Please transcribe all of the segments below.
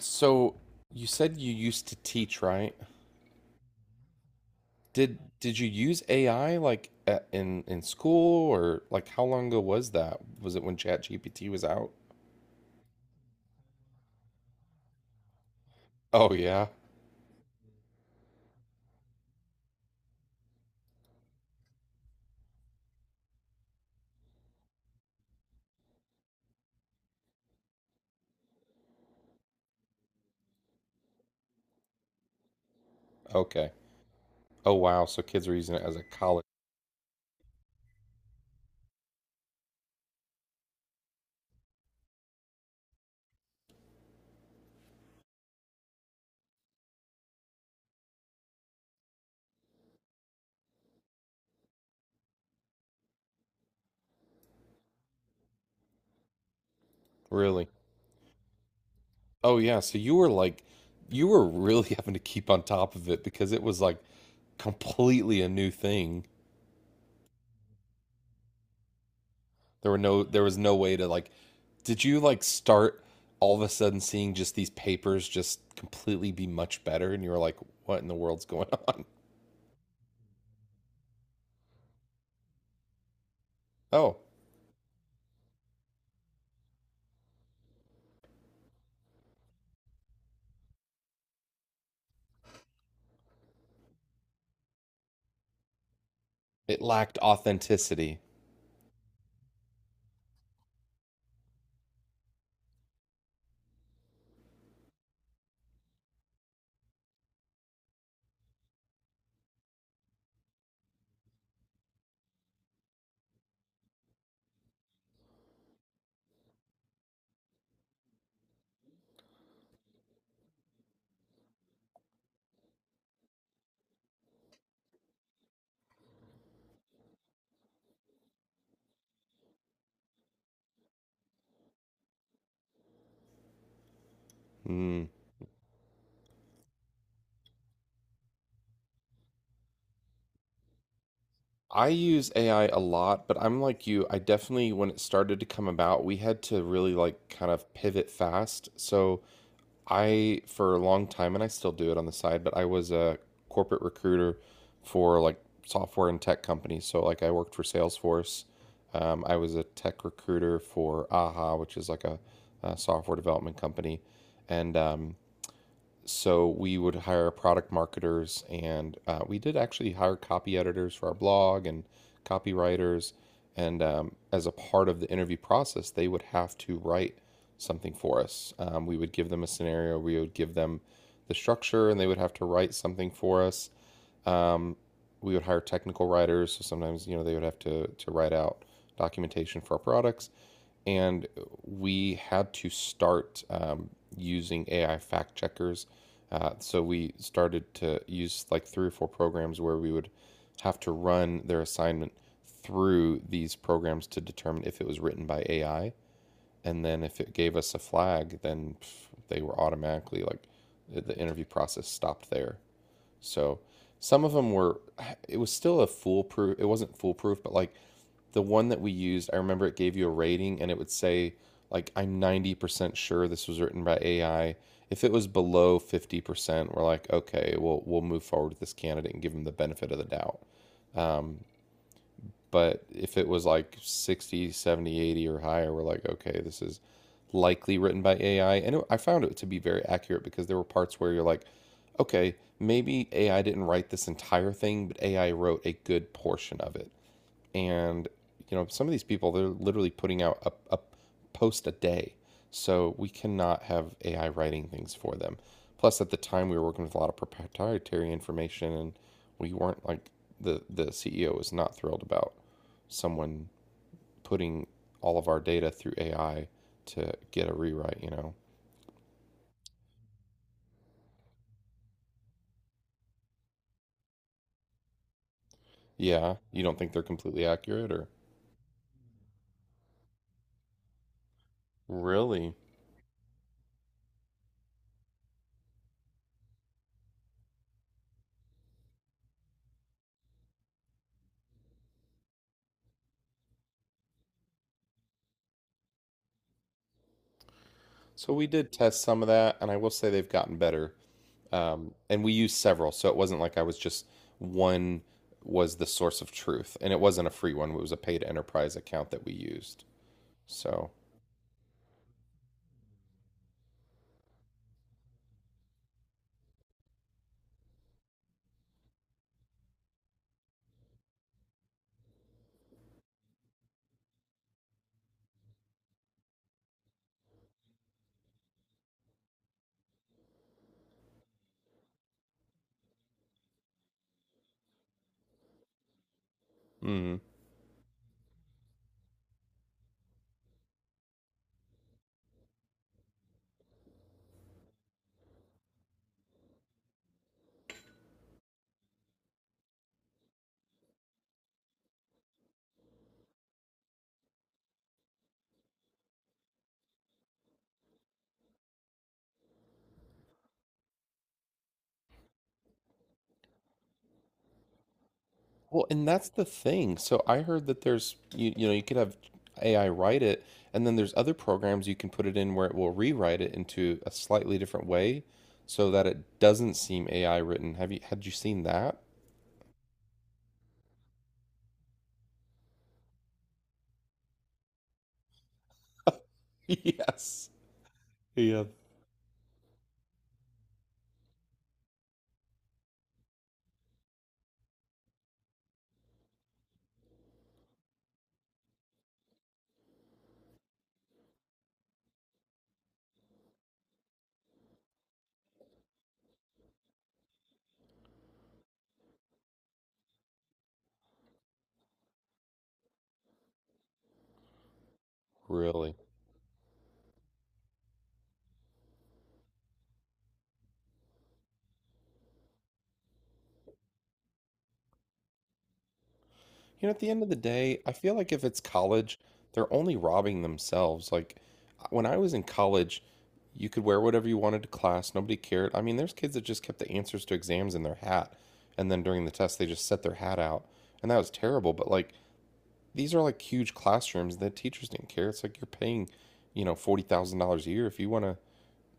So you said you used to teach, right? Did you use AI like at, in school or like how long ago was that? Was it when ChatGPT was out? Oh yeah. Okay. Oh wow. So kids are using it as a college. Really? Oh yeah. So you were like you were really having to keep on top of it because it was like completely a new thing. There was no way to like did you like start all of a sudden seeing just these papers just completely be much better and you were like what in the world's going on? Oh, it lacked authenticity. Hmm. I use AI a lot, but I'm like you. I definitely, when it started to come about, we had to really like kind of pivot fast. So I, for a long time, and I still do it on the side, but I was a corporate recruiter for like software and tech companies. So like I worked for Salesforce. I was a tech recruiter for AHA, which is like a software development company, and so we would hire product marketers, and we did actually hire copy editors for our blog and copywriters. And as a part of the interview process, they would have to write something for us. We would give them a scenario, we would give them the structure, and they would have to write something for us. Um, we would hire technical writers, so sometimes they would have to write out documentation for our products, and we had to start using AI fact checkers. So we started to use like three or four programs where we would have to run their assignment through these programs to determine if it was written by AI. And then if it gave us a flag, then they were automatically like the interview process stopped there. So some of them were, it was still a foolproof, it wasn't foolproof, but like the one that we used, I remember it gave you a rating and it would say, like, I'm 90% sure this was written by AI. If it was below 50%, we're like, okay, we'll move forward with this candidate and give them the benefit of the doubt. Um, but if it was like 60, 70, 80, or higher, we're like, okay, this is likely written by AI. And it, I found it to be very accurate because there were parts where you're like, okay, maybe AI didn't write this entire thing, but AI wrote a good portion of it. And some of these people, they're literally putting out a post a day, so we cannot have AI writing things for them. Plus at the time we were working with a lot of proprietary information, and we weren't like, the CEO was not thrilled about someone putting all of our data through AI to get a rewrite. Yeah, you don't think they're completely accurate, or? Really? So we did test some of that, and I will say they've gotten better. And we used several, so it wasn't like I was just one, was the source of truth, and it wasn't a free one. It was a paid enterprise account that we used. So, mm. Well, and that's the thing. So I heard that there's you could have AI write it, and then there's other programs you can put it in where it will rewrite it into a slightly different way, so that it doesn't seem AI written. Have you had you seen that? Yes. Yeah. Really. At the end of the day, I feel like if it's college, they're only robbing themselves. Like when I was in college, you could wear whatever you wanted to class, nobody cared. I mean, there's kids that just kept the answers to exams in their hat, and then during the test, they just set their hat out, and that was terrible. But like these are like huge classrooms that teachers didn't care. It's like you're paying $40,000 a year. If you want to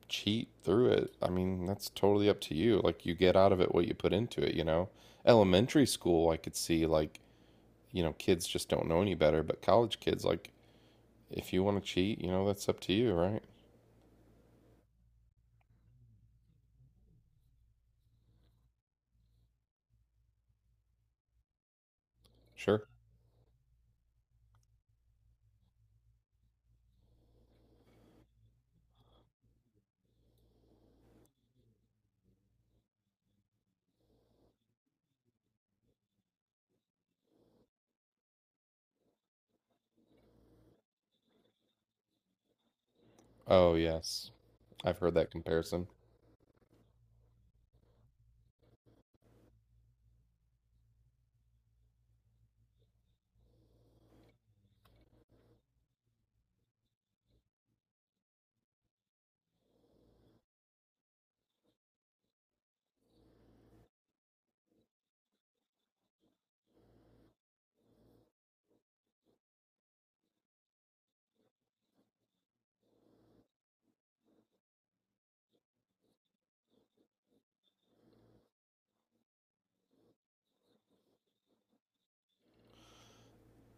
cheat through it, I mean, that's totally up to you. Like you get out of it what you put into it. Elementary school, I could see, like, kids just don't know any better, but college kids, like, if you want to cheat, that's up to you, right? Sure. Oh, yes. I've heard that comparison.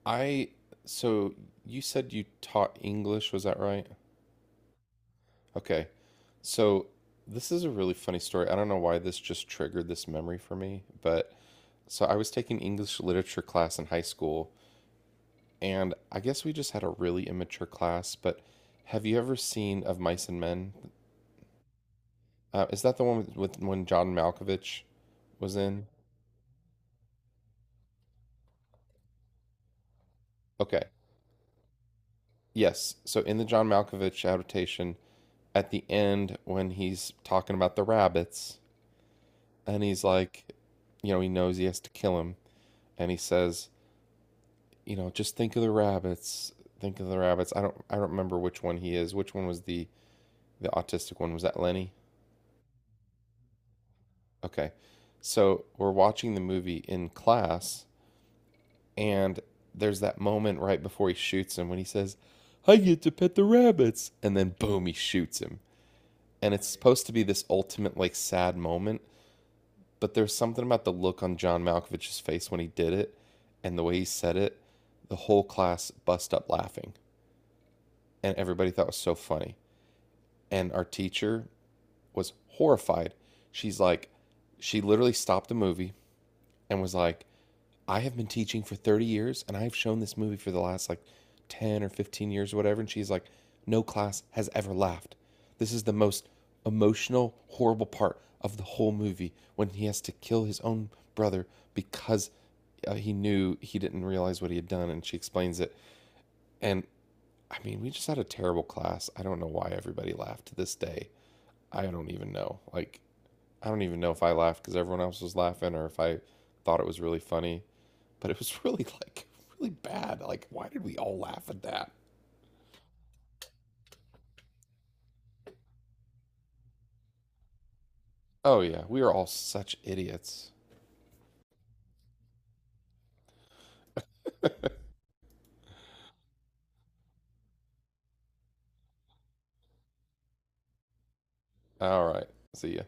I, so you said you taught English, was that right? Okay. So this is a really funny story. I don't know why this just triggered this memory for me, but so I was taking English literature class in high school, and I guess we just had a really immature class, but have you ever seen Of Mice and Men? Is that the one with when John Malkovich was in? Okay. Yes. So in the John Malkovich adaptation, at the end when he's talking about the rabbits, and he's like, he knows he has to kill him, and he says, just think of the rabbits. Think of the rabbits. I don't remember which one he is. Which one was the autistic one? Was that Lenny? Okay. So we're watching the movie in class, and there's that moment right before he shoots him when he says, I get to pet the rabbits. And then boom, he shoots him. And it's supposed to be this ultimate like sad moment, but there's something about the look on John Malkovich's face when he did it and the way he said it, the whole class bust up laughing and everybody thought it was so funny. And our teacher was horrified. She's like, she literally stopped the movie and was like, I have been teaching for 30 years and I've shown this movie for the last like 10 or 15 years or whatever. And she's like, no class has ever laughed. This is the most emotional, horrible part of the whole movie when he has to kill his own brother because he knew, he didn't realize what he had done. And she explains it. And I mean, we just had a terrible class. I don't know why everybody laughed to this day. I don't even know. Like, I don't even know if I laughed because everyone else was laughing, or if I thought it was really funny, but it was really like really bad. Like, why did we all laugh at that? Oh yeah, we are all such idiots. All right, see ya.